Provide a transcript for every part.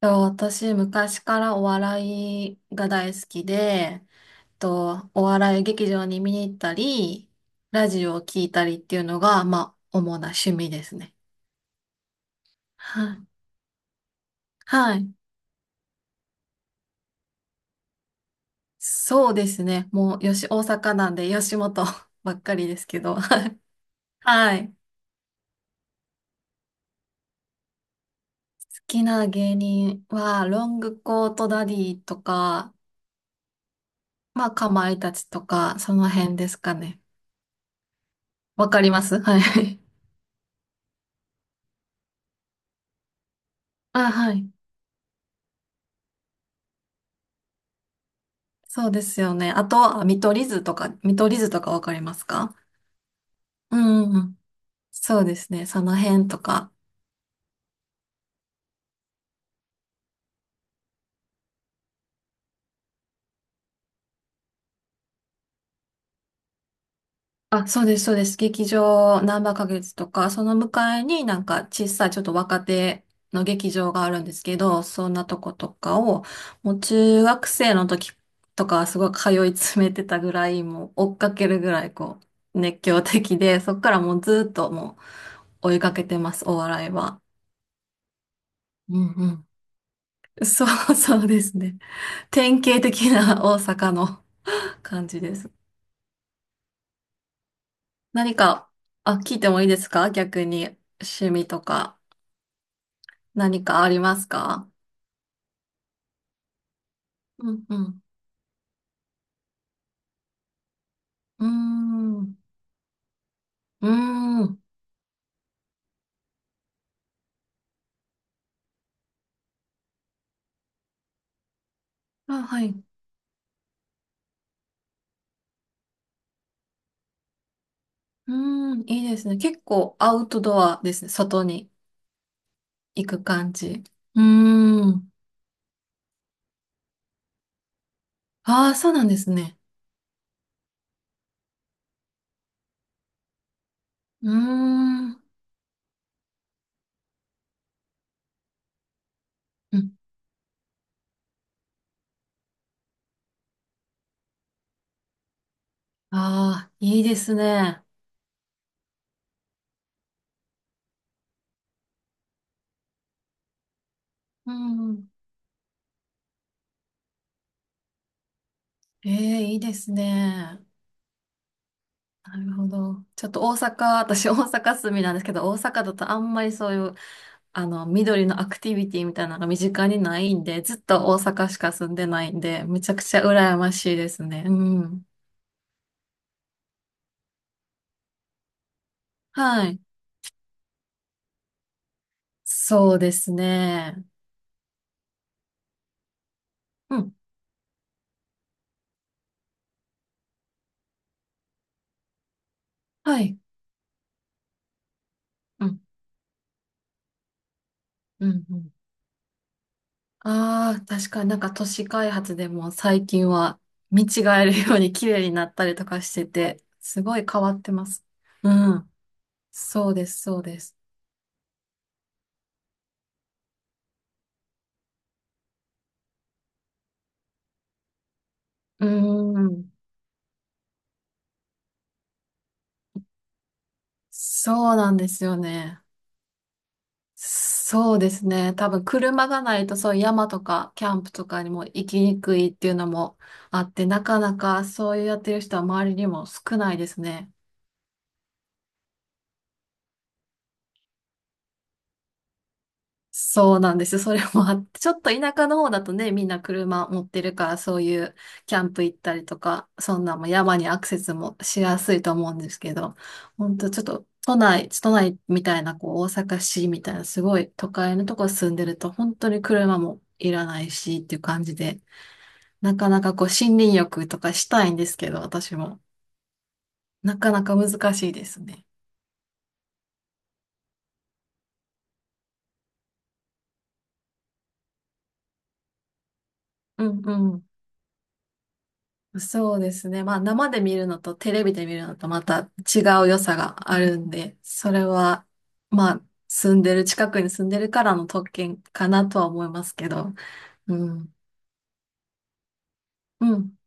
私、昔からお笑いが大好きで、お笑い劇場に見に行ったり、ラジオを聞いたりっていうのが、まあ、主な趣味ですね。はい。はい。そうですね。もう、大阪なんで、吉本 ばっかりですけど。はい。好きな芸人は、ロングコートダディとか、まあ、かまいたちとか、その辺ですかね。わかります、はい。あ、はい。そうですよね。あと見取り図とか、見取り図とかわかりますか？うんうんうん。そうですね。その辺とか。あ、そうです、そうです。劇場、ナンバ花月とか、その向かいになんか小さいちょっと若手の劇場があるんですけど、そんなとことかを、もう中学生の時とかはすごい通い詰めてたぐらい、もう追っかけるぐらい熱狂的で、そっからもうずっともう追いかけてます、お笑いは。うんうん。そうですね。典型的な大阪の感じです。何か、あ、聞いてもいいですか、逆に？趣味とか何かありますか？うんうん。うーん。うーん。あ、はい。うーん。いいですね。結構アウトドアですね。外に行く感じ。うーん。ああ、そうなんですね。うーん。うん。ああ、いいですね。うん。ええ、いいですね。なるほど。ちょっと大阪、私大阪住みなんですけど、大阪だとあんまりそういう、あの、緑のアクティビティみたいなのが身近にないんで、ずっと大阪しか住んでないんで、めちゃくちゃ羨ましいですね。うん。はい。そうですね。うん。はい。うん。うん。うん。ああ、確かになんか都市開発でも最近は見違えるように綺麗になったりとかしてて、すごい変わってます。うん。そうです、そうです。うん。そうなんですよね。そうですね。多分車がないとそういう山とかキャンプとかにも行きにくいっていうのもあって、なかなかそういうやってる人は周りにも少ないですね。そうなんですよ。それもあって、ちょっと田舎の方だとね、みんな車持ってるから、そういうキャンプ行ったりとか、そんなんも山にアクセスもしやすいと思うんですけど、ほんとちょっと都内みたいな、こう大阪市みたいな、すごい都会のとこ住んでると、本当に車もいらないしっていう感じで、なかなかこう森林浴とかしたいんですけど、私も。なかなか難しいですね。うん、そうですね。まあ生で見るのとテレビで見るのとまた違う良さがあるんで、それはまあ住んでる、近くに住んでるからの特権かなとは思いますけど。うん。うん。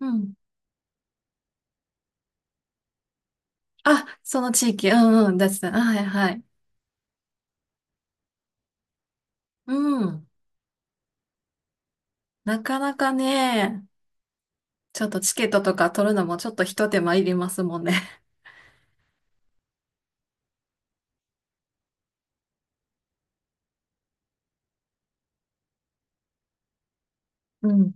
うん。あ、その地域。うんうん。ですね。て、はいはい。うん。なかなかね、ちょっとチケットとか取るのもちょっと一手間いりますもんね。うん。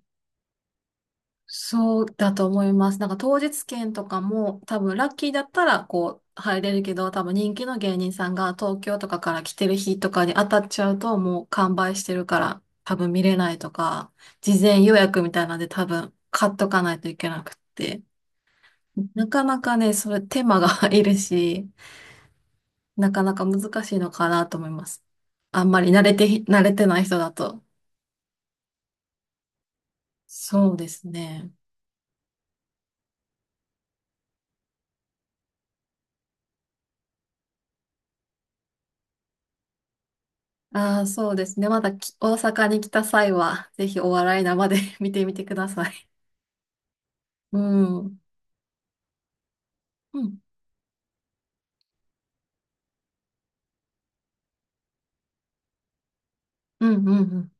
そうだと思います。なんか当日券とかも多分ラッキーだったらこう入れるけど、多分人気の芸人さんが東京とかから来てる日とかに当たっちゃうともう完売してるから多分見れないとか、事前予約みたいなんで多分買っとかないといけなくって、なかなかね、それ手間が いるし、なかなか難しいのかなと思います。あんまり慣れてない人だと。そうですね。ああ、そうですね。まだき大阪に来た際は、ぜひお笑い生で 見てみてください。うん。うん。うん、うん、うん。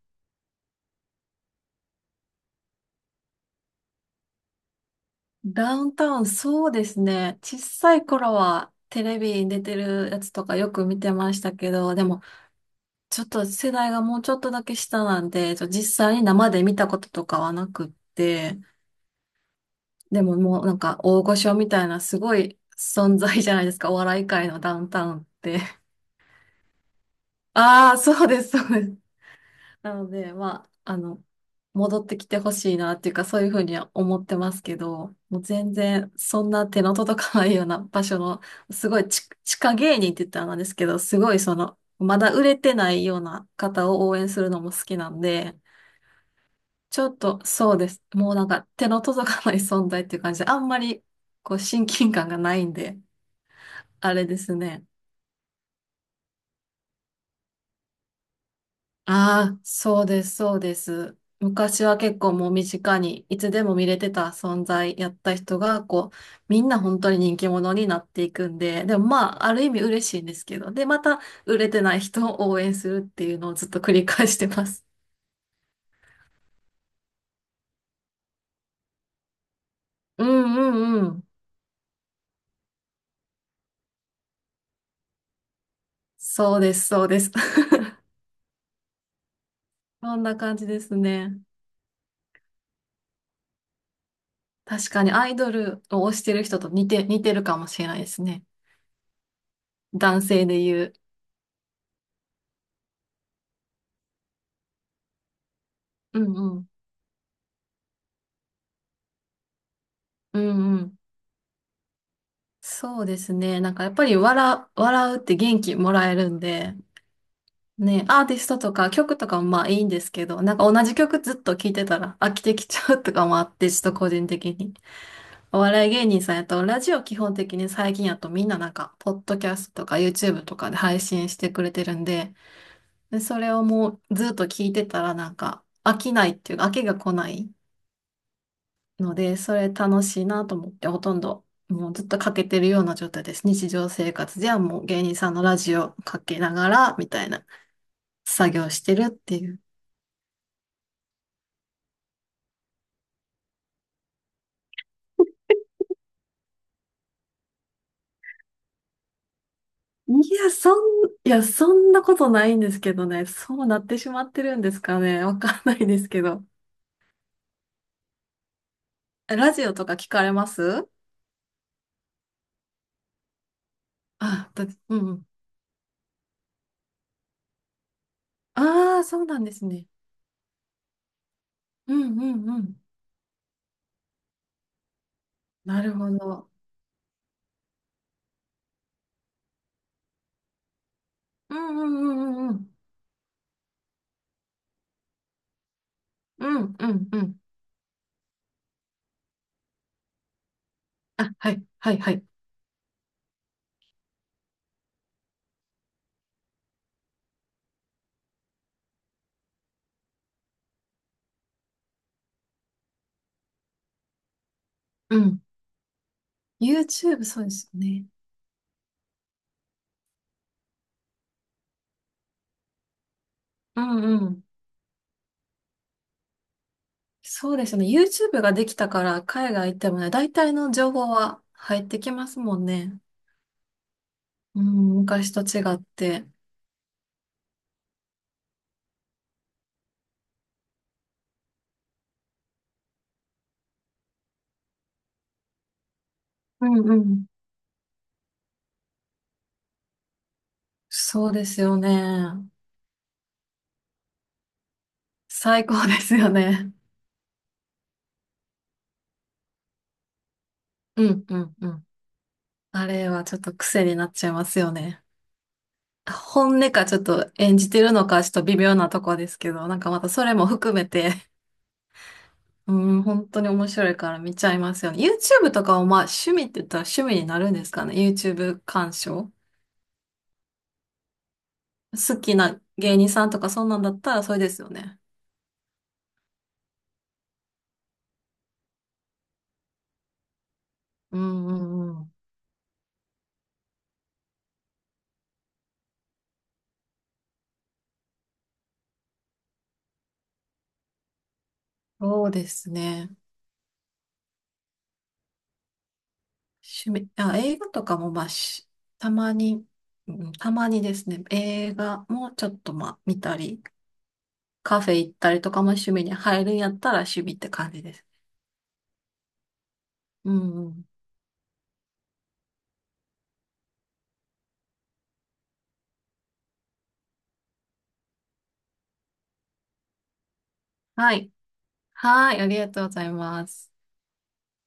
ダウンタウン、そうですね。小さい頃はテレビに出てるやつとかよく見てましたけど、でも、ちょっと世代がもうちょっとだけ下なんで、実際に生で見たこととかはなくって、でももうなんか大御所みたいなすごい存在じゃないですか。お笑い界のダウンタウンって。ああ、そうです、そうです。なので、まあ、あの、戻ってきてほしいなっていうか、そういうふうには思ってますけど、もう全然、そんな手の届かないような場所の、すごい地下芸人って言ったらなんですけど、すごいその、まだ売れてないような方を応援するのも好きなんで、ちょっとそうです。もうなんか手の届かない存在っていう感じで、あんまりこう親近感がないんで、あれですね。ああ、そうです、そうです。昔は結構もう身近にいつでも見れてた存在やった人が、こう、みんな本当に人気者になっていくんで、でもまあ、ある意味嬉しいんですけど、で、また売れてない人を応援するっていうのをずっと繰り返してます。うんうんうん。そうです、そうです。そんな感じですね。確かにアイドルを推してる人と似てるかもしれないですね。男性で言う。うんうん。うんうん。そうですね。なんかやっぱり笑うって元気もらえるんで、ね、アーティストとか曲とかもまあいいんですけど、なんか同じ曲ずっと聴いてたら飽きてきちゃうとかもあって、ちょっと個人的に。お笑い芸人さんやと、ラジオ基本的に最近やとみんななんか、ポッドキャストとか YouTube とかで配信してくれてるんで、で、それをもうずっと聴いてたらなんか飽きないっていうか、飽きが来ない。ので、それ楽しいなと思って、ほとんどもうずっとかけてるような状態です。日常生活ではもう芸人さんのラジオかけながら、みたいな作業してるっていう。いや、そんなことないんですけどね。そうなってしまってるんですかね。わかんないですけど。ラジオとか聞かれます？うん。ああ、そうなんですね。うんうんうん。なるほど。うんうんうんうんうん。うんうんうん。あ、はい、はい、はい。うん。YouTube、 そうですよね。うんうん。そうですね。YouTube ができたから海外行ってもね、大体の情報は入ってきますもんね。うん、昔と違って。うんうん。そうですよね。最高ですよね。うんうんうん。あれはちょっと癖になっちゃいますよね。本音かちょっと演じてるのかちょっと微妙なとこですけど、なんかまたそれも含めて、うん、本当に面白いから見ちゃいますよね。YouTube とかはまあ趣味って言ったら趣味になるんですかね。YouTube 鑑賞。好きな芸人さんとかそんなんだったらそれですよね。うんうんうん。そうですね。あ、映画とかもまあし、たまに、うん、たまにですね、映画もちょっとまあ見たり、カフェ行ったりとかも趣味に入るんやったら趣味って感じです。うんうん。はい。はい、ありがとうございます。